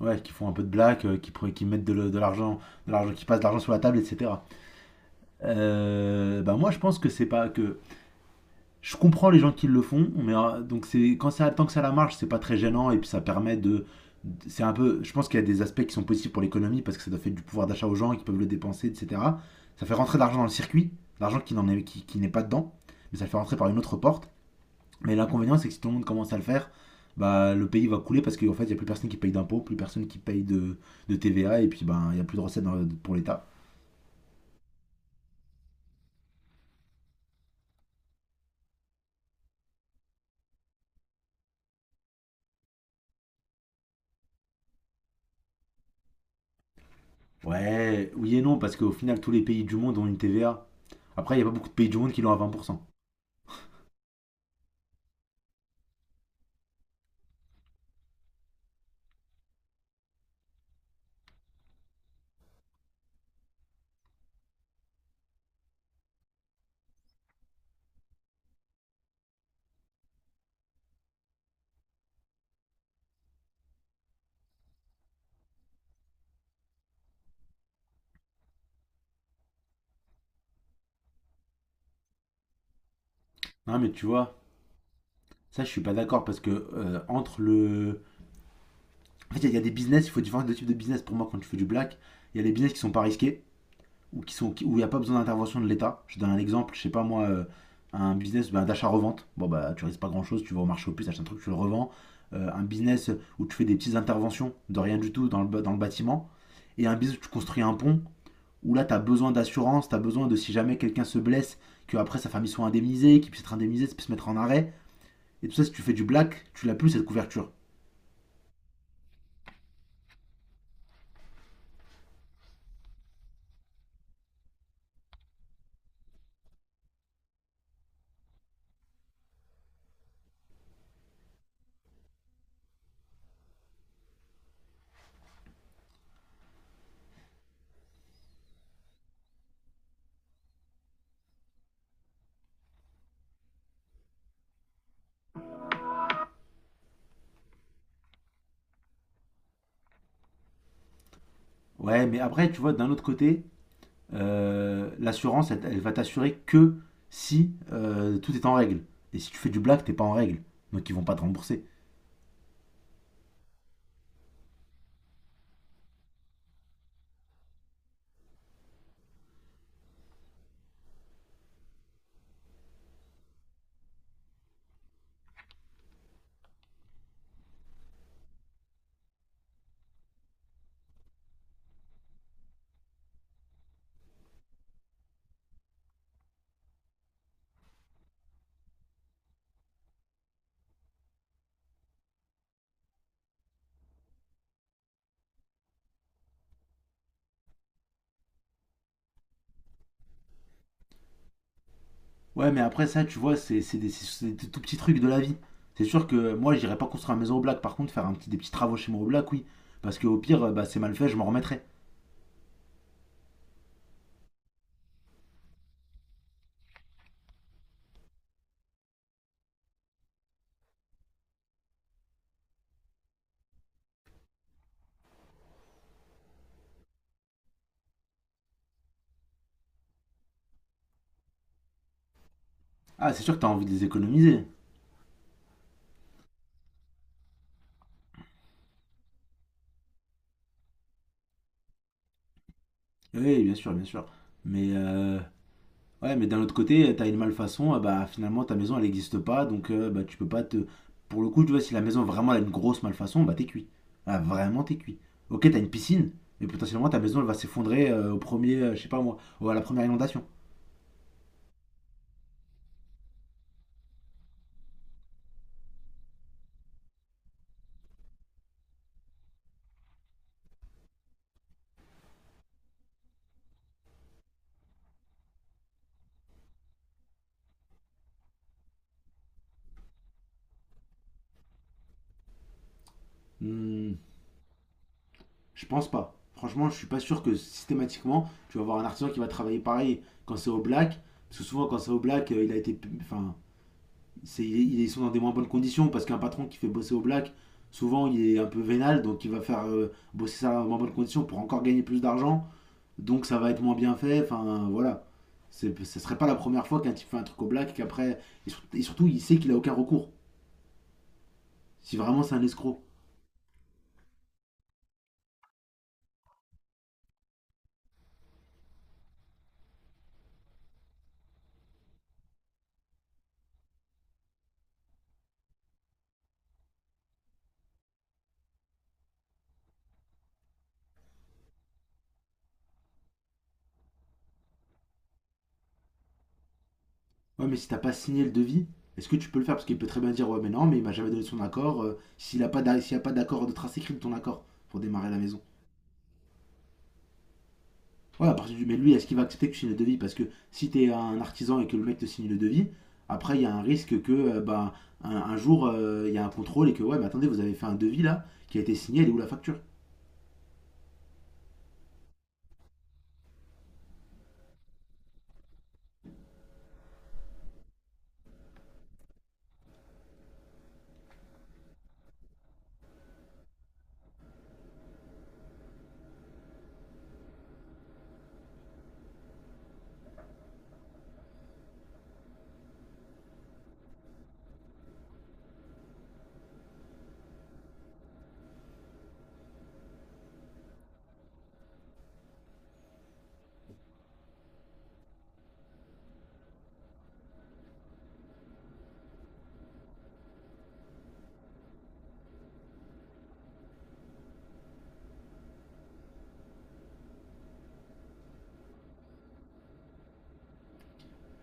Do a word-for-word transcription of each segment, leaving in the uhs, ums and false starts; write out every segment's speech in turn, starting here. Ouais, qui font un peu de blague, euh, qui, pre- qui mettent de, le- de l'argent, de l'argent, qui passent de l'argent sur la table, et cetera. Euh, bah moi, je pense que c'est pas que je comprends les gens qui le font, mais euh, donc c'est quand ça tant que ça la marche, c'est pas très gênant et puis ça permet de, de- c'est un peu, je pense qu'il y a des aspects qui sont positifs pour l'économie parce que ça doit faire du pouvoir d'achat aux gens qui peuvent le dépenser, et cetera. Ça fait rentrer de l'argent dans le circuit, l'argent qui n'en est qui, qui n'est pas dedans, mais ça le fait rentrer par une autre porte. Mais l'inconvénient, c'est que si tout le monde commence à le faire, bah, le pays va couler parce qu'en fait, il n'y a plus personne qui paye d'impôts, plus personne qui paye de, de T V A, et puis ben, il n'y a plus de recettes dans- pour l'État. Ouais, oui et non, parce qu'au final, tous les pays du monde ont une T V A. Après, il n'y a pas beaucoup de pays du monde qui l'ont à vingt pour cent. Non, mais tu vois, ça, je suis pas d'accord parce que euh, entre le. En fait, il y, il y a des business, il faut différents types de business. Pour moi, quand tu fais du black, il y a les business qui sont pas risqués, ou qui sont, où il n'y a pas besoin d'intervention de l'État. Je donne un exemple, je sais pas moi, euh, un business bah, d'achat-revente. Bon, bah, tu risques pas grand-chose, tu vas au marché aux puces, achètes un truc, tu le revends. Euh, un business où tu fais des petites interventions de rien du tout dans le, dans le bâtiment. Et un business où tu construis un pont, où là, tu as besoin d'assurance, tu as besoin de si jamais quelqu'un se blesse, que après sa famille soit indemnisée, qu'il puisse être indemnisé, qu'il puisse se mettre en arrêt. Et tout ça, si tu fais du black, tu l'as plus cette couverture. Ouais, mais après, tu vois, d'un autre côté, euh, l'assurance, elle, elle va t'assurer que si euh, tout est en règle. Et si tu fais du black, t'es pas en règle. Donc ils vont pas te rembourser. Ouais, mais après ça, tu vois, c'est c'est des, c'est des tout petits trucs de la vie. C'est sûr que moi, j'irai pas construire une maison au black. Par contre, faire un petit, des petits travaux chez moi au black, oui. Parce que au pire, euh, bah, c'est mal fait, je m'en remettrai. Ah, c'est sûr que t'as envie de les économiser. Oui, bien sûr, bien sûr. Mais euh, ouais, mais d'un autre côté, euh, t'as une malfaçon, euh, bah finalement ta maison elle n'existe pas, donc euh, bah tu peux pas te. Pour le coup, tu vois, si la maison vraiment elle a une grosse malfaçon, bah t'es cuit. Ah, vraiment t'es cuit. Ok, t'as une piscine, mais potentiellement ta maison elle va s'effondrer euh, au premier, euh, je sais pas moi, ou à la première inondation. Hmm, je pense pas. Franchement, je suis pas sûr que systématiquement tu vas avoir un artisan qui va travailler pareil quand c'est au black, parce que souvent quand c'est au black, euh, il a été. Enfin, c'est- ils sont dans des moins bonnes conditions parce qu'un patron qui fait bosser au black, souvent il est un peu vénal, donc il va faire euh, bosser ça dans moins bonnes conditions pour encore gagner plus d'argent, donc ça va être moins bien fait, enfin voilà. C'est- Ce serait pas la première fois qu'un type fait un truc au black qu'après. Et, et surtout, il sait qu'il a aucun recours. Si vraiment c'est un escroc. Ouais, mais si t'as pas signé le devis, est-ce que tu peux le faire? Parce qu'il peut très bien dire: «Ouais, mais non, mais il m'a jamais donné son accord.» euh, S'il a pas s'il a pas d'accord de trace écrite de ton accord pour démarrer la maison. Ouais, à partir du. Mais lui, est-ce qu'il va accepter que tu signes le devis? Parce que si t'es un artisan et que le mec te signe le devis, après, il y a un risque que, euh, bah, un, un jour, euh, il y a un contrôle et que, ouais, mais attendez, vous avez fait un devis là, qui a été signé, elle est où la facture?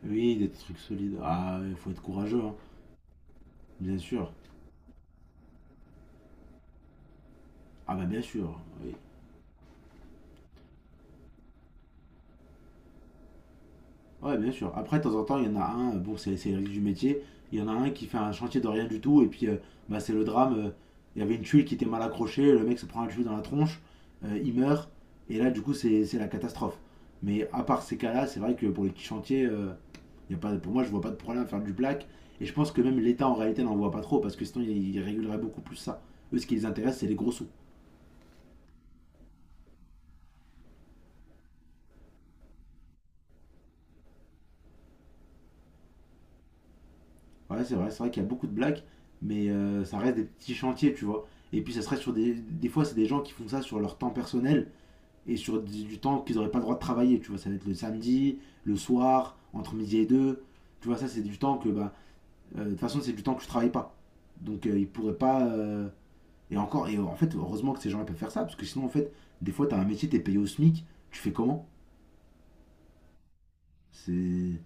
Oui, des trucs solides. Ah, il faut être courageux, hein. Bien sûr. Ah, bah, bien sûr. Oui. Ouais, bien sûr. Après, de temps en temps, il y en a un, euh, bon, c'est c'est le risque du métier, il y en a un qui fait un chantier de rien du tout, et puis euh, bah, c'est le drame. Euh, il y avait une tuile qui était mal accrochée, le mec se prend la tuile dans la tronche, euh, il meurt, et là, du coup, c'est c'est la catastrophe. Mais à part ces cas-là, c'est vrai que pour les petits chantiers, euh, il y a pas, pour moi, je vois pas de problème à faire du black, et je pense que même l'État, en réalité, n'en voit pas trop, parce que sinon, il, il régulerait beaucoup plus ça. Eux, ce qui les intéresse, c'est les gros sous. Ouais, c'est vrai, c'est vrai qu'il y a beaucoup de blagues, mais euh, ça reste des petits chantiers, tu vois. Et puis ça serait sur des. Des fois, c'est des gens qui font ça sur leur temps personnel et sur du, du temps qu'ils n'auraient pas le droit de travailler, tu vois. Ça va être le samedi, le soir, entre midi et deux. Tu vois, ça, c'est du temps que. Bah, euh, de toute façon, c'est du temps que je travaille pas. Donc, euh, ils pourraient pas. euh, Et encore, et en fait, heureusement que ces gens-là peuvent faire ça, parce que sinon, en fait, des fois, t'as un métier, t'es payé au SMIC, tu fais comment? C'est.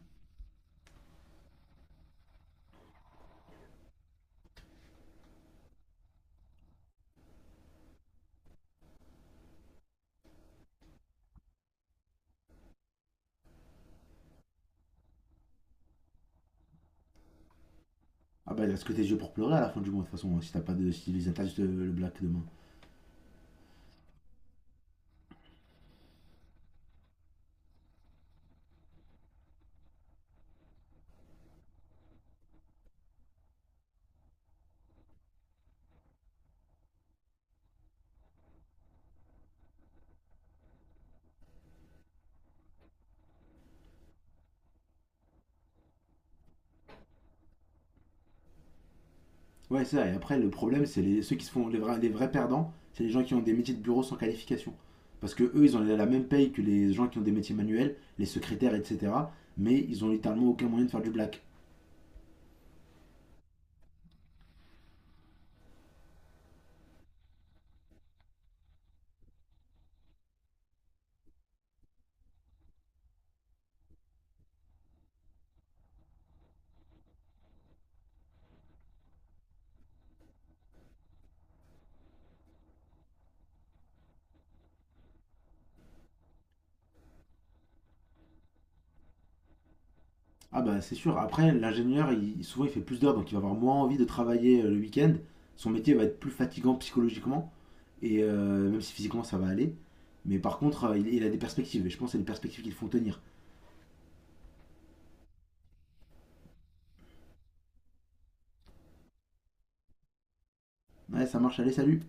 Ah bah, est-ce que tes yeux pour pleurer à la fin du mois, de toute façon, hein, si t'as pas de. Si les interdisent le le black demain. Ouais, c'est ça. Et après, le problème, c'est les, ceux qui se font les vrais, les vrais perdants, c'est les gens qui ont des métiers de bureau sans qualification. Parce que eux, ils ont la même paye que les gens qui ont des métiers manuels, les secrétaires, et cetera. Mais ils ont littéralement aucun moyen de faire du black. Ah bah c'est sûr. Après, l'ingénieur, il, souvent, il fait plus d'heures, donc il va avoir moins envie de travailler euh, le week-end. Son métier va être plus fatigant psychologiquement, et euh, même si physiquement ça va aller. Mais par contre, euh, il, il a des perspectives, et je pense que c'est des perspectives qu'ils font tenir. Ouais, ça marche, allez, salut.